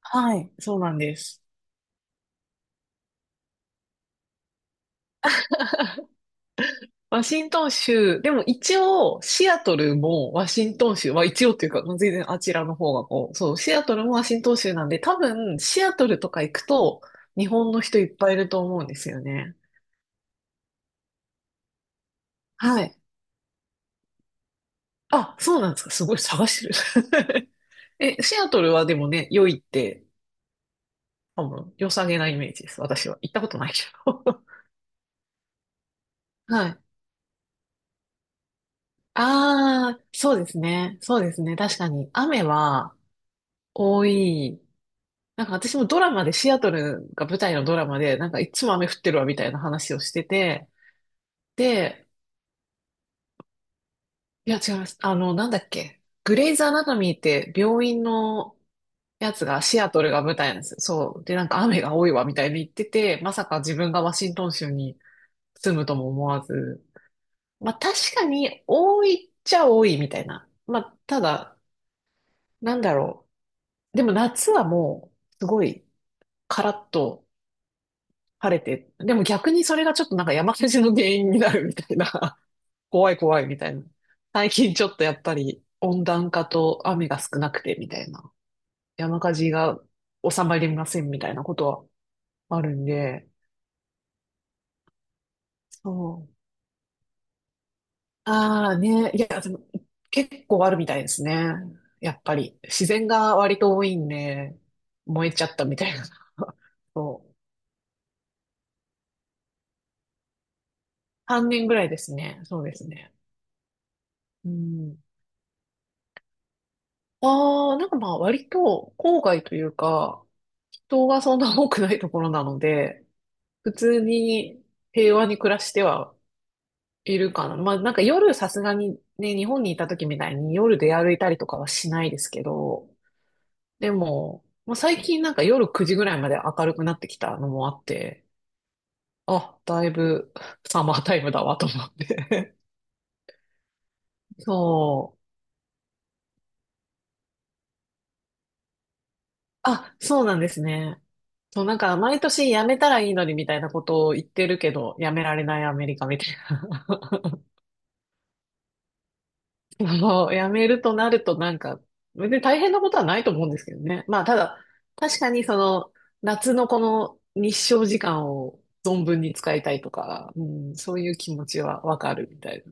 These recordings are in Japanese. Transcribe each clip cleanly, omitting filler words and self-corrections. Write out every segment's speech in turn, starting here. はい、そうなんです。ワシントン州、でも一応、シアトルもワシントン州、は一応というか、全然あちらの方がこう、そう、シアトルもワシントン州なんで、多分、シアトルとか行くと、日本の人いっぱいいると思うんですよね。はい。あ、そうなんですか。すごい探してる。シアトルはでもね、良いって、多分、良さげなイメージです。私は。行ったことないけど。はい。ああ、そうですね。そうですね。確かに、雨は多い。なんか私もドラマで、シアトルが舞台のドラマで、なんかいつも雨降ってるわみたいな話をしてて、で、いや違います。あの、なんだっけ。グレイズ・アナトミーって病院のやつがシアトルが舞台なんですよ。そう。で、なんか雨が多いわみたいに言ってて、まさか自分がワシントン州に住むとも思わず。まあ確かに多いっちゃ多いみたいな。まあただ、なんだろう。でも夏はもう、すごいカラッと、晴れて、でも逆にそれがちょっとなんか山火事の原因になるみたいな、怖い怖いみたいな。最近ちょっとやっぱり温暖化と雨が少なくてみたいな、山火事が収まりませんみたいなことはあるんで、そう。ああね、いや、でも結構あるみたいですね。やっぱり自然が割と多いんで、燃えちゃったみたいな。そう。3年ぐらいですね。そうですね。うん。ああ、なんかまあ割と郊外というか、人がそんな多くないところなので、普通に平和に暮らしてはいるかな。まあなんか夜さすがにね、日本にいた時みたいに夜出歩いたりとかはしないですけど、でも、まあ、最近なんか夜9時ぐらいまで明るくなってきたのもあって、あ、だいぶサマータイムだわと思って。そう。あ、そうなんですね。そう、なんか、毎年辞めたらいいのにみたいなことを言ってるけど、辞められないアメリカみたいな。そう、辞めるとなるとなんか、別に大変なことはないと思うんですけどね。まあ、ただ、確かにその、夏のこの日照時間を存分に使いたいとか、うん、そういう気持ちはわかるみたい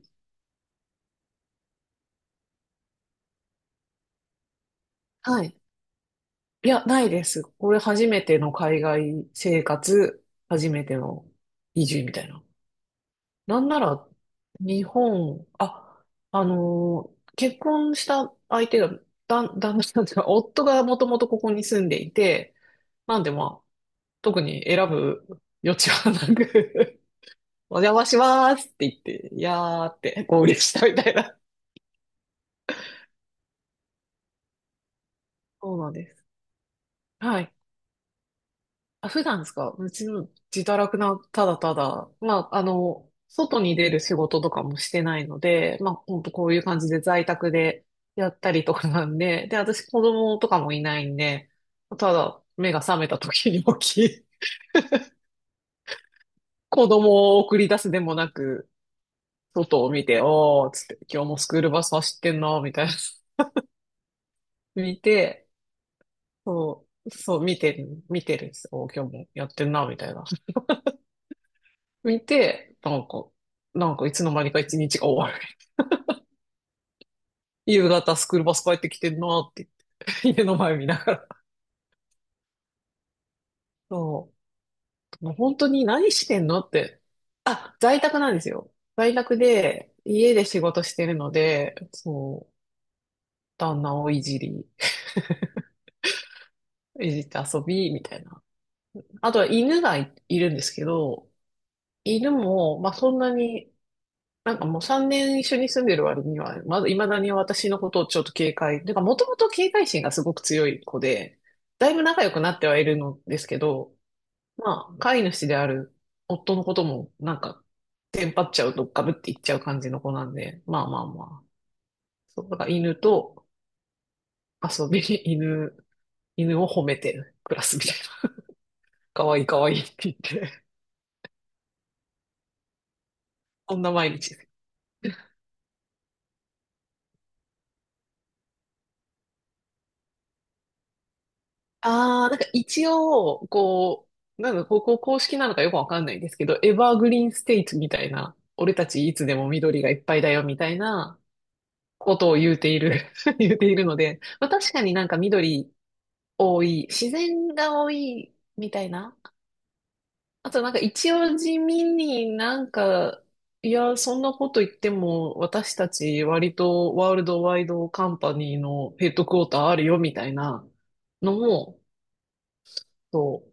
な。はい。いや、ないです。これ初めての海外生活、初めての移住みたいな。なんなら、日本、あ、結婚した相手が、だ、旦那さんというか、夫がもともとここに住んでいて、なんでまあ、特に選ぶ余地はなく、 お邪魔しますって言って、いやーって合流したみたいな。そうなんです。はい。あ、普段ですか。うちの自堕落な、ただただ、まあ、あの、外に出る仕事とかもしてないので、まあ、ほんとこういう感じで在宅でやったりとかなんで、で、私子供とかもいないんで、ただ目が覚めた時に起き、子供を送り出すでもなく、外を見て、おー、つって、今日もスクールバス走ってんな、みたいな。見て、そう、そう、見てる、見てるんです。おー、今日もやってんな、みたいな。見て、なんか、なんかいつの間にか一日が終わる。夕方スクールバス帰ってきてんなって言って、家の前見ながら。そう。もう本当に何してんのって。あ、在宅なんですよ。在宅で、家で仕事してるので、そう、旦那をいじり、いじって遊び、みたいな。あとは犬がい、いるんですけど、犬も、まあそんなに、なんかもう3年一緒に住んでる割には、まだ、未だに私のことをちょっと警戒、てかもともと警戒心がすごく強い子で、だいぶ仲良くなってはいるのですけど、まあ、飼い主である夫のことも、なんか、テンパっちゃうとガブっていっちゃう感じの子なんで、まあまあまあ。そう、だから犬と遊び、犬、犬を褒めて暮らすみたいな。かわいいかわいいって言って、そんな毎日です。ああ、なんか一応、こう、なんだ、ここ公式なのかよくわかんないんですけど、エバーグリーンステイツみたいな、俺たちいつでも緑がいっぱいだよみたいなことを言うている、言うているので、まあ確かになんか緑多い、自然が多いみたいな。あとなんか一応地味になんか、いや、そんなこと言っても私たち割とワールドワイドカンパニーのヘッドクォーターあるよみたいなのも、そ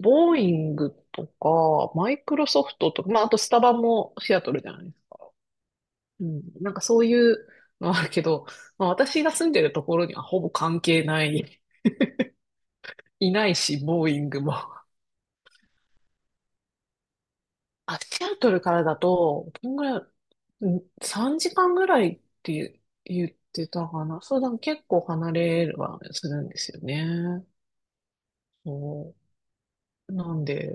う。ボーイングとか、マイクロソフトとか、まあ、あとスタバもシアトルじゃないですか。うん。なんかそういうのはあるけど、まあ、私が住んでるところにはほぼ関係ない、いないし、ボーイングも。あ、シアトルからだと、どんぐらい、うん3時間ぐらいって言ってたかな。そうだ、結構離れはするんですよね。そう。なんで、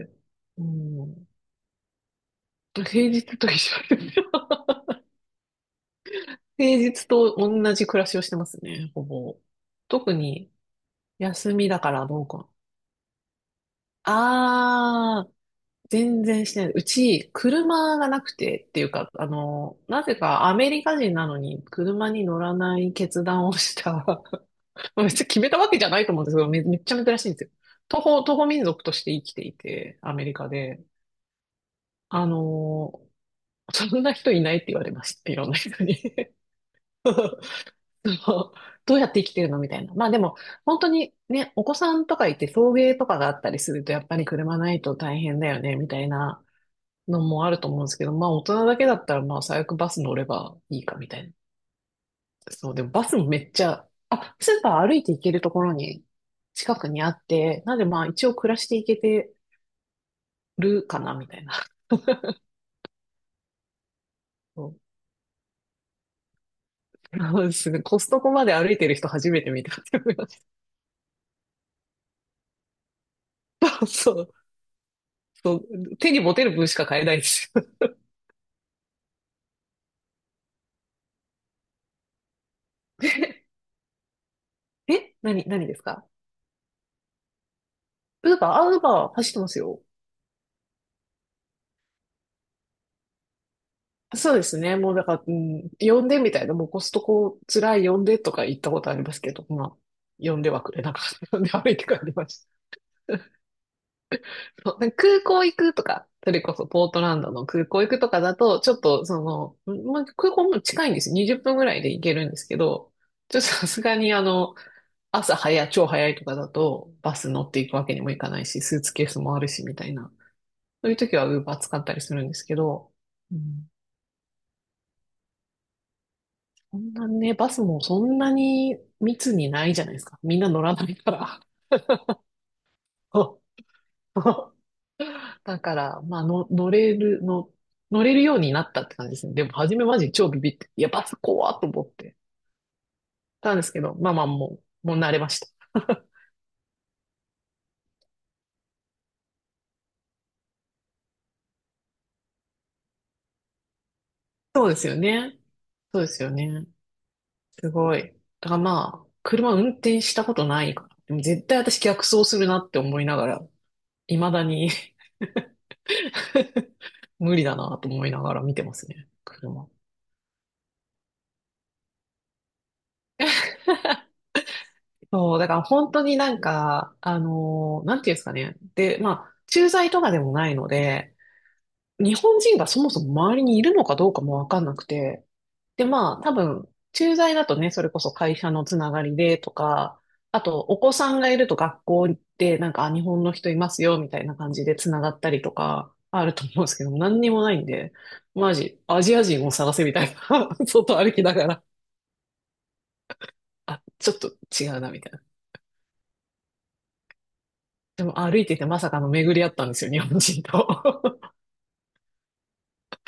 うん。平日と一緒です。平日と同じ暮らしをしてますね、ほぼ。特に休みだからどうか。あー、全然してない。うち、車がなくてっていうか、あの、なぜかアメリカ人なのに車に乗らない決断をした。別に決めたわけじゃないと思うんですけど、め、めっちゃ珍しいんですよ。徒歩、徒歩民族として生きていて、アメリカで。あの、そんな人いないって言われました。いろんな人に。そう、どうやって生きてるのみたいな。まあでも、本当にね、お子さんとかいて送迎とかがあったりすると、やっぱり車ないと大変だよね、みたいなのもあると思うんですけど、まあ大人だけだったら、まあ最悪バス乗ればいいか、みたいな。そう、でもバスもめっちゃ、あ、スーパー歩いて行けるところに近くにあって、なんでまあ一応暮らしていけてるかな、みたいな。そうそうですね。コストコまで歩いてる人初めて見たって思いました。そう、そう、手に持てる分しか買えないですよね。え何、何ですか。ウーバー、あ、ウーバー走ってますよ。そうですね。もうだから、うん、呼んでみたいな、もうコストコ辛い呼んでとか言ったことありますけど、まあ、呼んではくれなかった。呼んで歩いて帰りました。そう、なんか空港行くとか、それこそポートランドの空港行くとかだと、ちょっとその、まあ、空港も近いんですよ。20分ぐらいで行けるんですけど、ちょっとさすがにあの、朝早い、超早いとかだと、バス乗っていくわけにもいかないし、スーツケースもあるし、みたいな。そういう時は Uber 使ったりするんですけど、うん、そんなね、バスもそんなに密にないじゃないですか。みんな乗らないから。だから、まあの、乗れる、の、乗れるようになったって感じですね。でも、初めマジ超ビビって、いや、バス怖っと思ってたんですけど、まあまあ、もう、もう慣れました。そうですよね。そうですよね。すごい。だからまあ、車運転したことないから。でも絶対私逆走するなって思いながら、未だに無理だなと思いながら見てますね、車。そう、だから本当になんか、なんていうんですかね。で、まあ、駐在とかでもないので、日本人がそもそも周りにいるのかどうかもわかんなくて、で、まあ、多分、駐在だとね、それこそ会社のつながりでとか、あと、お子さんがいると学校で、なんか、あ日本の人いますよ、みたいな感じでつながったりとか、あると思うんですけど、何にもないんで、マジ、アジア人を探せみたいな、外歩きながら、あ、ちょっと違うな、みたいな。でも歩いててまさかの巡り合ったんですよ、日本人と。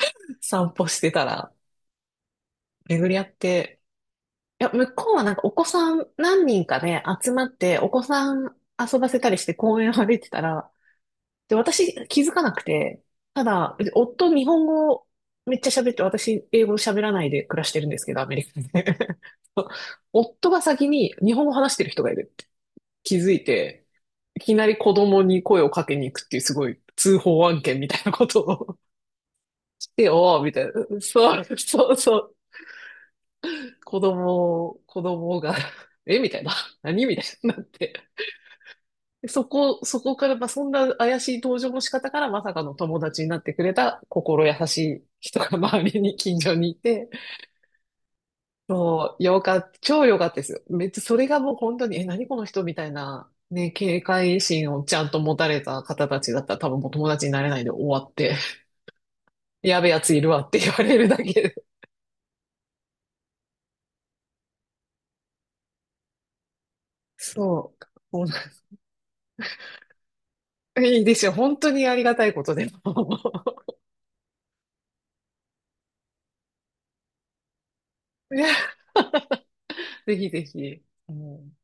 散歩してたら、巡り合って。いや、向こうはなんかお子さん何人かで集まって、お子さん遊ばせたりして公園を歩いてたら、で、私気づかなくて、ただ、夫日本語めっちゃ喋って、私英語喋らないで暮らしてるんですけど、アメリカで。夫が先に日本語話してる人がいるって気づいて、いきなり子供に声をかけに行くっていうすごい通報案件みたいなことを してよ、みたいな。そう、そうそう。子供、子供が え、みたいな。何みたいになって。でそこ、そこから、まあ、そんな怪しい登場の仕方からまさかの友達になってくれた心優しい人が周りに、近所にいて、そう、よかった、超よかったですよ。めっちゃ、それがもう本当に、え、何この人みたいな、ね、警戒心をちゃんと持たれた方たちだったら多分もう友達になれないで終わって。やべえやついるわって言われるだけで。そう。もういいですよ。本当にありがたいことでも。いや、ぜひぜひ。もうん